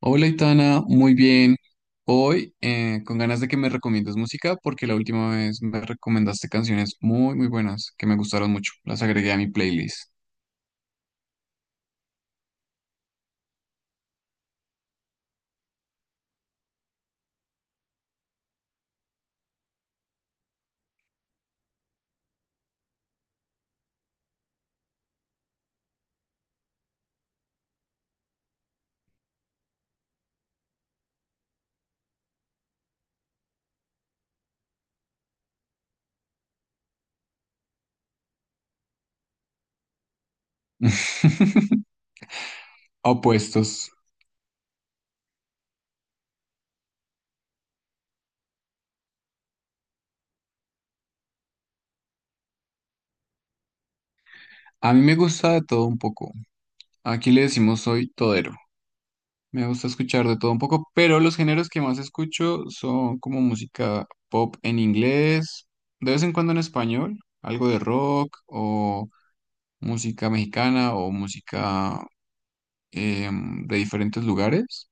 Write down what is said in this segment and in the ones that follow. Hola, Itana, muy bien. Hoy, con ganas de que me recomiendes música, porque la última vez me recomendaste canciones muy, muy buenas que me gustaron mucho. Las agregué a mi playlist. Opuestos. A mí me gusta de todo un poco. Aquí le decimos soy todero. Me gusta escuchar de todo un poco, pero los géneros que más escucho son como música pop en inglés, de vez en cuando en español, algo de rock o música mexicana o música de diferentes lugares.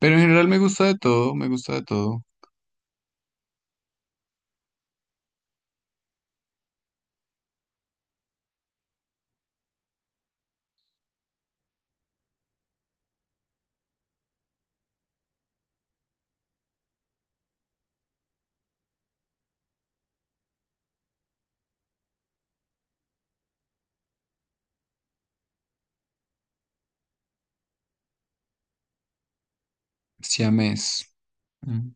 Pero en general me gusta de todo, me gusta de todo. Siamés. Mm,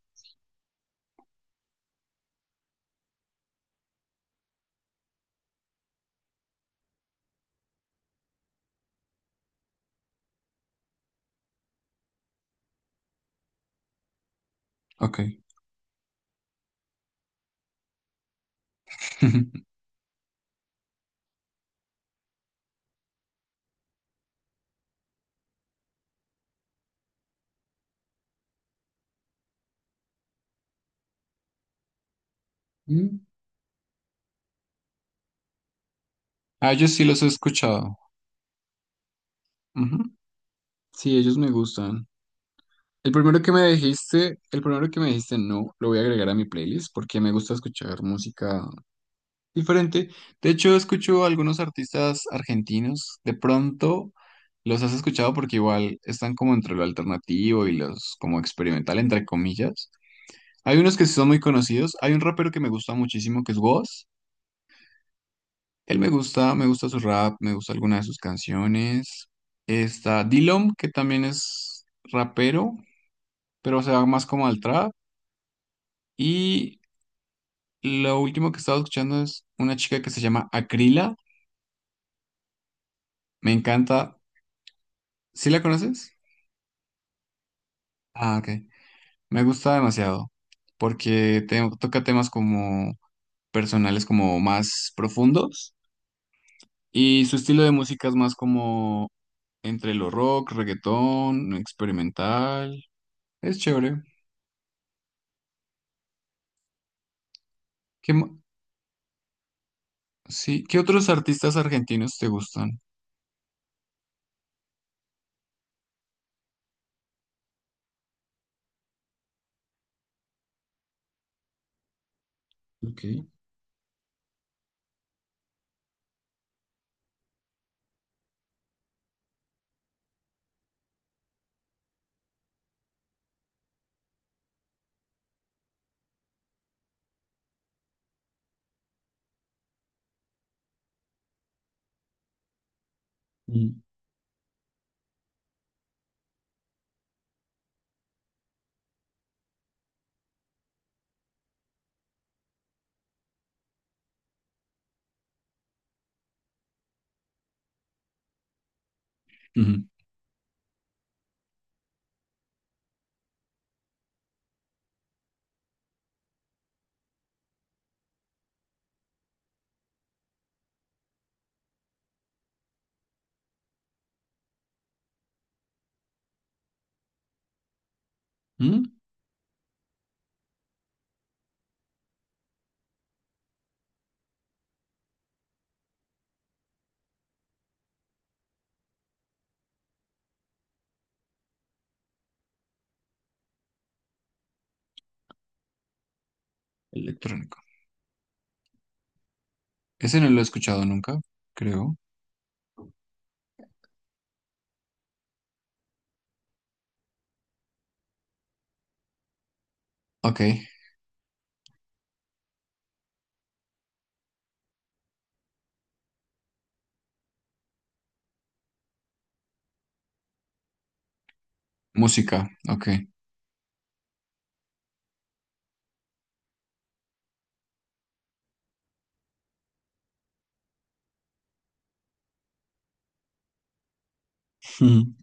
ok. Mm. Ah, ellos sí los he escuchado. Ujú. Sí, ellos me gustan. El primero que me dijiste, el primero que me dijiste no, lo voy a agregar a mi playlist porque me gusta escuchar música diferente. De hecho, escucho algunos artistas argentinos. De pronto los has escuchado porque igual están como entre lo alternativo y los como experimental, entre comillas. Hay unos que sí son muy conocidos. Hay un rapero que me gusta muchísimo, que es Wos. Él me gusta su rap, me gusta alguna de sus canciones. Está Dillom, que también es rapero, pero se va más como al trap. Y lo último que he estado escuchando es una chica que se llama Acrila. Me encanta. ¿Sí la conoces? Ah, ok. Me gusta demasiado, porque toca temas como personales, como más profundos. Y su estilo de música es más como entre lo rock, reggaetón, experimental. Es chévere. ¿Qué, ma- sí, ¿qué otros artistas argentinos te gustan? Ok. Mm. Ujú. Mm. Electrónico. Ese no lo he escuchado nunca, creo. Ok. Música. Ok. Ujú.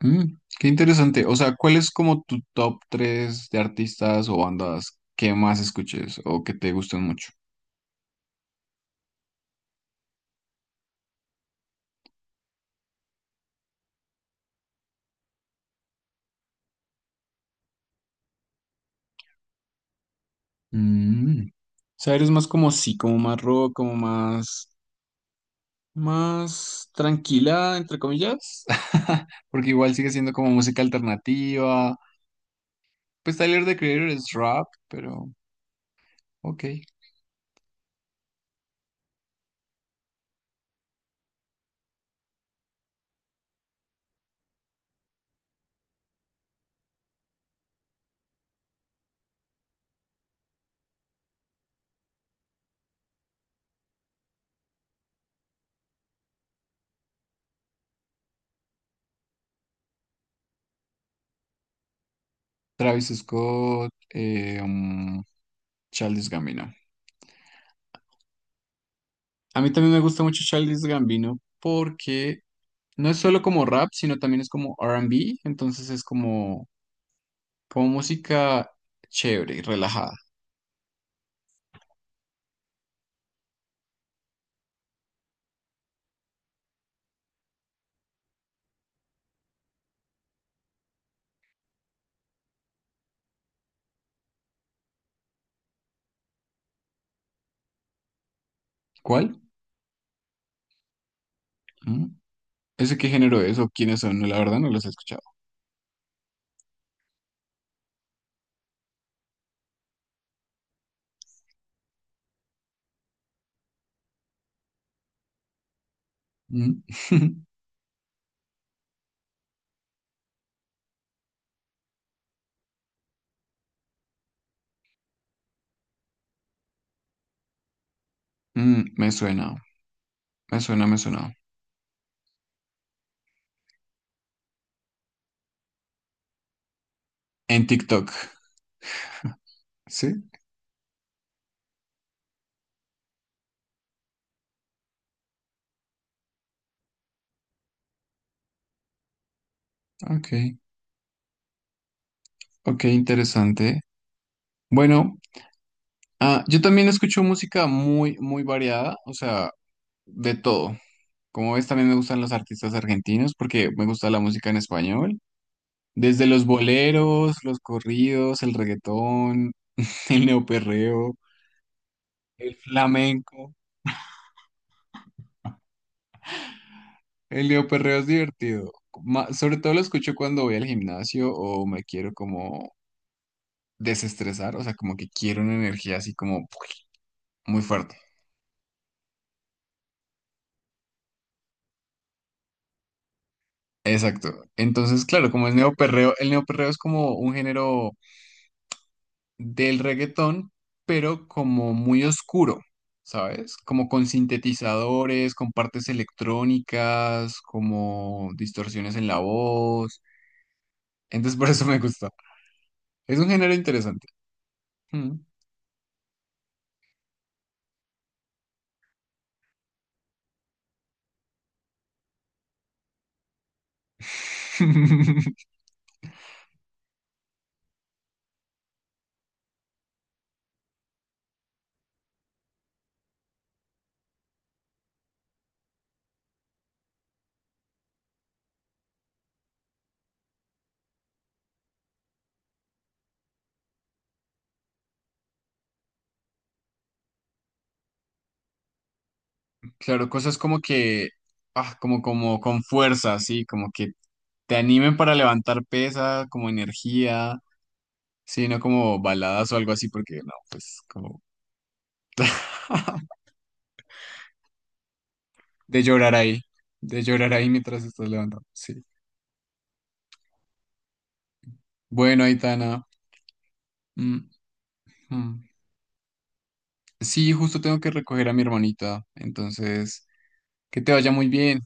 Mm, qué interesante. O sea, ¿cuál es como tu top 3 de artistas o bandas que más escuches o que te gusten mucho? Mm. O sea, eres más como sí, como más rock, como más más tranquila, entre comillas, porque igual sigue siendo como música alternativa. Pues Tyler, The Creator es rap, pero ok. Travis Scott, Childish Gambino. A mí también me gusta mucho Childish Gambino porque no es solo como rap, sino también es como R&B, entonces es como, como música chévere y relajada. ¿Cuál? ¿Mm? ¿Ese qué género es o quiénes son? No, la verdad no los he escuchado. Mm. Mm, me suena. Me suena, me suena. En TikTok. Sí, ok. Ok, interesante. Bueno, ah, yo también escucho música muy, muy variada, o sea, de todo. Como ves, también me gustan los artistas argentinos porque me gusta la música en español. Desde los boleros, los corridos, el reggaetón, el neoperreo, el flamenco. El neoperreo es divertido. Sobre todo lo escucho cuando voy al gimnasio o me quiero como desestresar, o sea, como que quiero una energía así como muy fuerte, exacto. Entonces, claro, como es neoperreo, el neoperreo es como un género del reggaetón, pero como muy oscuro, ¿sabes? Como con sintetizadores, con partes electrónicas, como distorsiones en la voz. Entonces, por eso me gusta. Es un género interesante. Mm. Claro, cosas como que, ah, como, como con fuerza, así, como que te animen para levantar pesa, como energía. Sí, no como baladas o algo así, porque no, pues como de llorar ahí, de llorar ahí mientras estás levantando. Sí. Bueno, Aitana. Mm, mm. Sí, justo tengo que recoger a mi hermanita, entonces, que te vaya muy bien.